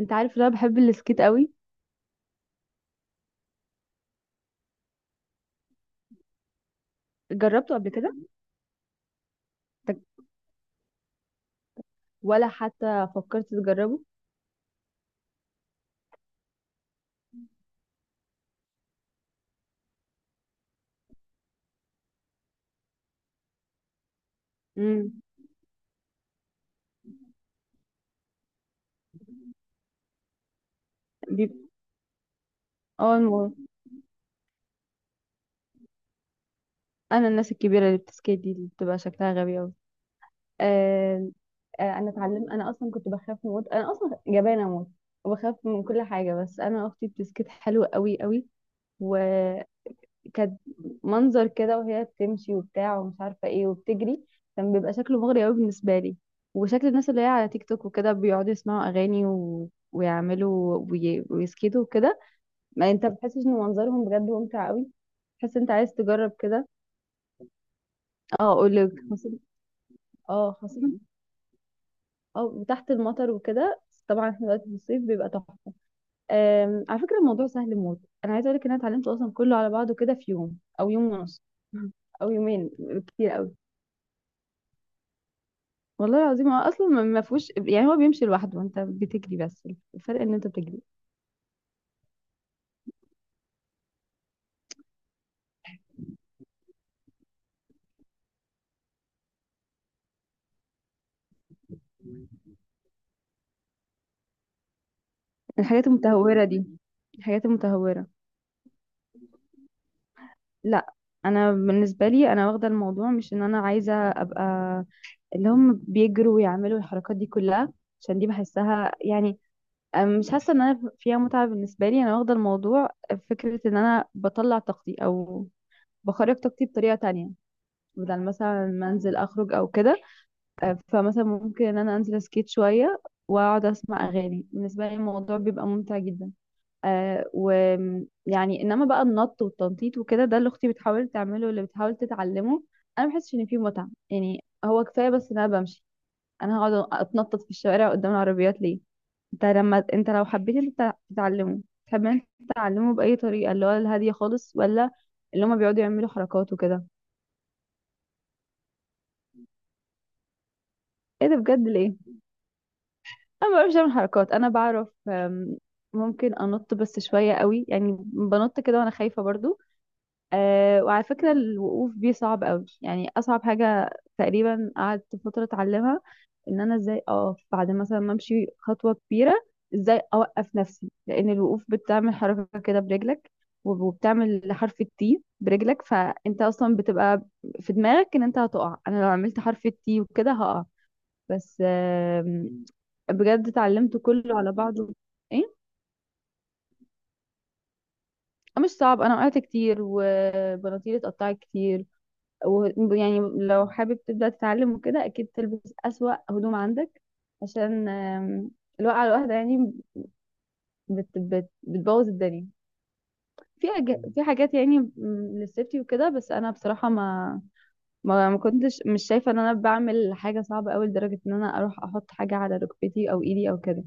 انت عارف ان انا بحب السكيت قوي. جربته قبل كده؟ طب، ولا حتى فكرت تجربه؟ امم. بيب... اه المو... انا الناس الكبيره اللي بتسكيت دي اللي بتبقى شكلها غبي قوي. آه... انا اتعلمت، انا اصلا كنت بخاف موت، انا اصلا جبانه موت وبخاف من كل حاجه، بس انا اختي بتسكيت حلو قوي قوي و... كانت منظر كده وهي بتمشي وبتاع ومش عارفه ايه وبتجري، كان بيبقى شكله مغري قوي بالنسبه لي. وشكل الناس اللي هي على تيك توك وكده بيقعدوا يسمعوا اغاني ويعملوا ويسكتوا وكده، ما انت بتحسش ان منظرهم بجد ممتع قوي؟ تحس انت عايز تجرب كده. اه اقول لك، خاصه، اه خاصه، اه وتحت المطر وكده. طبعا احنا دلوقتي في الصيف بيبقى تحفه. على فكره الموضوع سهل موت، انا عايزه اقول لك ان انا اتعلمته اصلا كله على بعضه كده في يوم او يوم ونص، او يومين كتير قوي. والله العظيم هو اصلا ما فيهوش، يعني هو بيمشي لوحده وانت بتجري بس، الفرق ان انت بتجري. الحاجات المتهوره دي، الحاجات المتهوره، لا انا بالنسبه لي، انا واخده الموضوع مش ان انا عايزه ابقى اللي هم بيجروا ويعملوا الحركات دي كلها، عشان دي بحسها يعني، مش حاسه ان انا فيها متعه. بالنسبه لي انا واخده الموضوع فكره ان انا بطلع طاقتي او بخرج طاقتي بطريقه تانية، بدل مثلا ما انزل اخرج او كده. فمثلا ممكن ان انا انزل اسكيت شويه واقعد اسمع اغاني، بالنسبه لي الموضوع بيبقى ممتع جدا. آه ويعني انما بقى النط والتنطيط وكده، ده اللي اختي بتحاول تعمله واللي بتحاول تتعلمه، انا ما بحسش ان فيه متعه، يعني هو كفايه بس ان انا بمشي، انا هقعد اتنطط في الشوارع قدام العربيات ليه؟ انت لما انت لو حبيت انت تتعلمه، تحب انت تتعلمه باي طريقه، اللي هو الهاديه خالص ولا اللي هما بيقعدوا يعملوا حركات وكده؟ ايه ده بجد؟ ليه؟ انا ما بعرفش اعمل حركات، انا بعرف ممكن انط بس شويه قوي، يعني بنط كده وانا خايفه برضو. أه وعلى فكره الوقوف بيه صعب قوي، يعني اصعب حاجه. تقريبا قعدت فتره اتعلمها ان انا ازاي اقف بعد مثلا ما امشي خطوه كبيره، ازاي اوقف نفسي، لان الوقوف بتعمل حركه كده برجلك، وبتعمل حرف التي برجلك، فانت اصلا بتبقى في دماغك ان انت هتقع. انا لو عملت حرف التي وكده هقع. بس بجد اتعلمت كله على بعضه. ايه؟ آه، مش صعب، انا وقعت كتير وبناطيلي اتقطعت كتير. ويعني لو حابب تبدأ تتعلم وكده، اكيد تلبس اسوأ هدوم عندك، عشان الوقعة الواحدة يعني بت بتبوظ الدنيا. في حاجات يعني للسيفتي وكده، بس انا بصراحة ما كنتش مش شايفة ان انا بعمل حاجة صعبة قوي لدرجة ان انا اروح احط حاجة على ركبتي او ايدي او كده.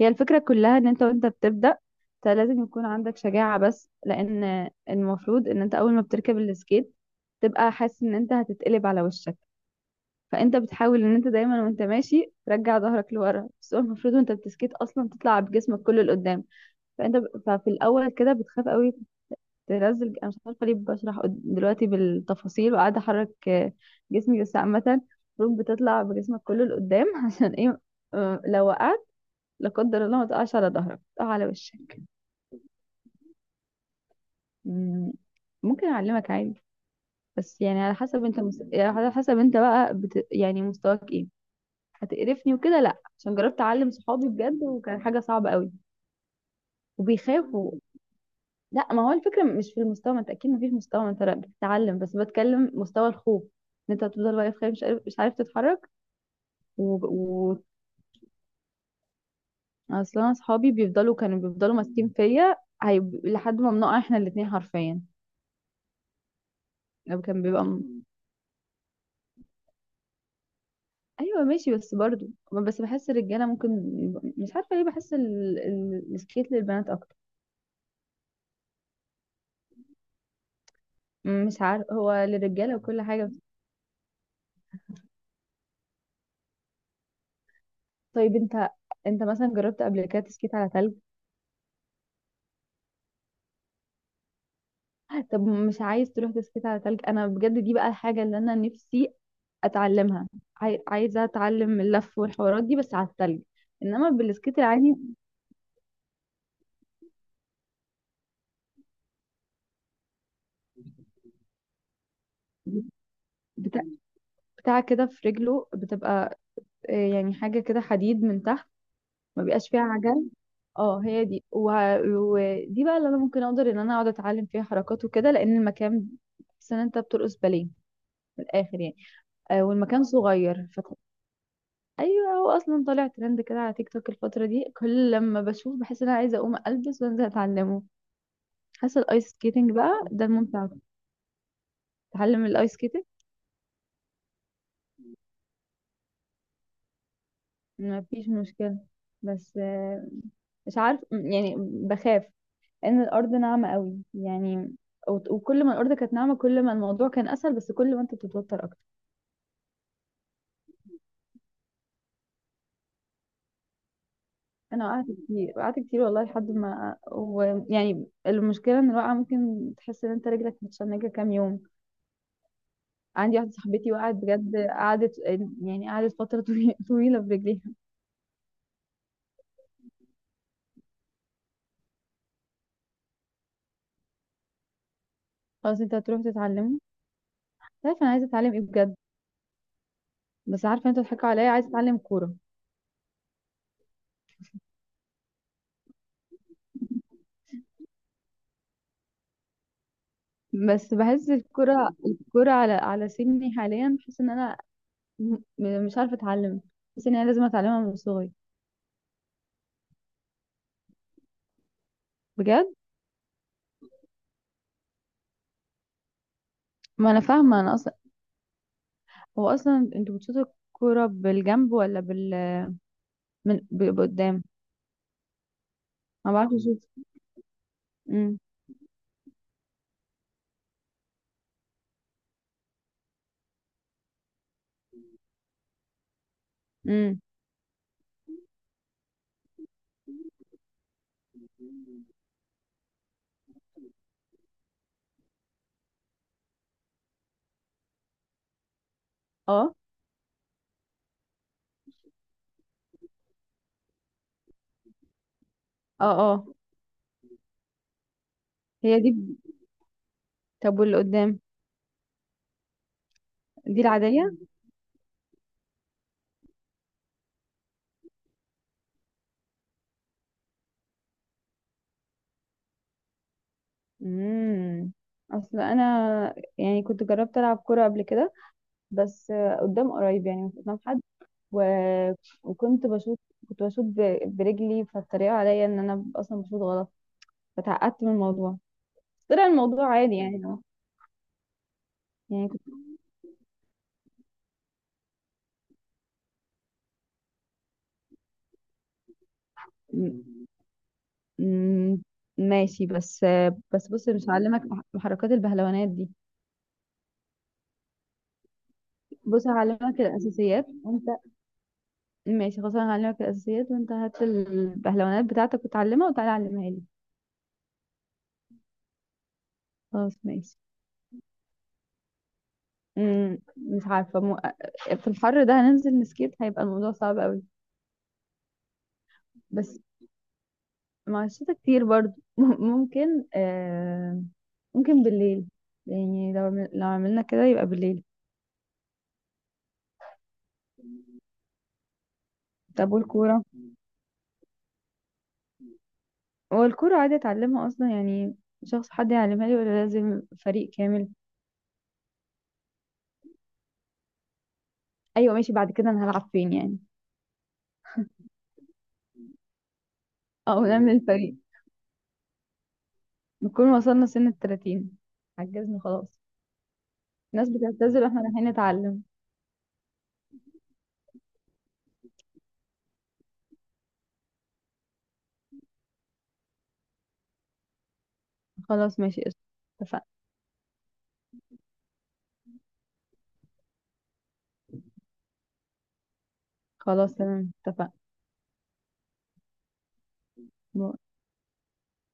هي الفكرة كلها ان انت وانت بتبدأ، انت لازم يكون عندك شجاعة، بس لان المفروض ان انت اول ما بتركب السكيت تبقى حاسس ان انت هتتقلب على وشك، فانت بتحاول ان انت دايما وانت ماشي ترجع ظهرك لورا، بس هو المفروض وانت بتسكيت اصلا تطلع بجسمك كله لقدام. ففي الاول كده بتخاف قوي تنزل. انا مش عارفة ليه بشرح دلوقتي بالتفاصيل وقاعدة احرك جسمي. بس عامة المفروض بتطلع بجسمك كله لقدام عشان ايه؟ آه، لو وقعت، لا قدر الله، ما تقعش على ظهرك، تقع على وشك. مم، ممكن اعلمك عادي، بس يعني على حسب انت يعني على حسب انت بقى يعني مستواك ايه. هتقرفني وكده؟ لا، عشان جربت اعلم صحابي بجد وكان حاجه صعبه قوي وبيخافوا. لا، ما هو الفكره مش في المستوى، ما انت اكيد ما فيش مستوى، ما انت لا بتتعلم، بس بتكلم مستوى الخوف، ان انت هتفضل واقف خايف مش عارف، مش عارف تتحرك. و... و... اصلا انا صحابي بيفضلوا كانوا بيفضلوا ماسكين فيا لحد ما بنقع احنا الاثنين حرفيا. لو كان بيبقى ايوه ماشي، بس برضو بس بحس الرجاله ممكن مش عارفه ليه بحس السكيت للبنات اكتر. مش عارف، هو للرجاله وكل حاجه. طيب انت، انت مثلا جربت قبل كده تسكيت على تلج؟ طب مش عايز تروح تسكيت على تلج؟ انا بجد دي بقى الحاجه اللي انا نفسي اتعلمها، عايزه اتعلم اللف والحوارات دي بس على التلج. انما بالسكيت العادي بتاع، بتاع كده في رجله بتبقى، آه، يعني حاجه كده حديد من تحت، ما بيبقاش فيها عجل. اه هي دي، ودي بقى اللي انا ممكن اقدر ان انا اقعد اتعلم فيها حركات وكده، لان المكان، بس ان انت بترقص باليه من الاخر يعني. آه والمكان صغير ايوه. هو اصلا طالع ترند كده على تيك توك الفتره دي، كل لما بشوف بحس ان انا عايزه اقوم البس وانزل اتعلمه. حاسه الايس سكيتنج بقى ده الممتع، اتعلم الايس سكيتنج. ما فيش مشكله، بس آه مش عارف، يعني بخاف ان الارض ناعمه قوي يعني، وكل ما الارض كانت ناعمه كل ما الموضوع كان اسهل، بس كل ما انت بتتوتر اكتر. انا وقعت كتير، وقعت كتير والله، لحد ما ويعني المشكله ان الوقعه ممكن تحس ان انت رجلك متشنجه كام يوم. عندي واحده صاحبتي وقعت بجد، قعدت يعني قعدت فتره طويله برجليها. خلاص انت هتروح تتعلمه. عارفه انا عايزه اتعلم ايه بجد؟ بس عارفه انتوا بتضحكوا عليا، عايزه اتعلم كوره. بس بحس الكوره، الكوره على على سني حاليا بحس ان انا مش عارفه اتعلم، بحس ان انا لازم اتعلمها من صغري. بجد ما انا فاهمه. انا اصلا، هو اصلا انتوا بتشوطوا الكوره بالجنب ولا من بيبقى قدام؟ ما بعرفش اشوف. امم. امم. اه. اه. اه هي دي. طب واللي قدام؟ دي العادية. امم. اصل انا يعني كنت جربت العب كورة قبل كده، بس آه، قدام قريب يعني مش قدام حد، و... وكنت بشوط، كنت بشوط برجلي، فالطريقة عليا ان انا اصلا بشوط غلط، فتعقدت من الموضوع. بس طلع الموضوع عادي يعني يعني كنت م- م- ماشي. بس آه، بس بص مش هعلمك محركات البهلوانات دي. بص هعلمك الاساسيات، وانت ماشي. خلاص انا هعلمك الاساسيات، وانت هات البهلوانات بتاعتك وتعلمها وتعالى علمها لي. خلاص ماشي. مش عارفه في الحر ده هننزل نسكيت هيبقى الموضوع صعب قوي. بس مع الشتا كتير برضو ممكن ممكن بالليل، يعني لو لو عملنا كده يبقى بالليل. طب والكوره؟ هو الكوره عادي اتعلمها اصلا يعني؟ شخص، حد يعلمها لي ولا لازم فريق كامل؟ ايوه ماشي، بعد كده انا هلعب فين يعني؟ او نعمل فريق، نكون وصلنا سن 30، عجزنا خلاص. الناس بتعتذر واحنا رايحين نتعلم. خلاص ماشي قشطة، اتفقنا. خلاص تمام، اتفقنا.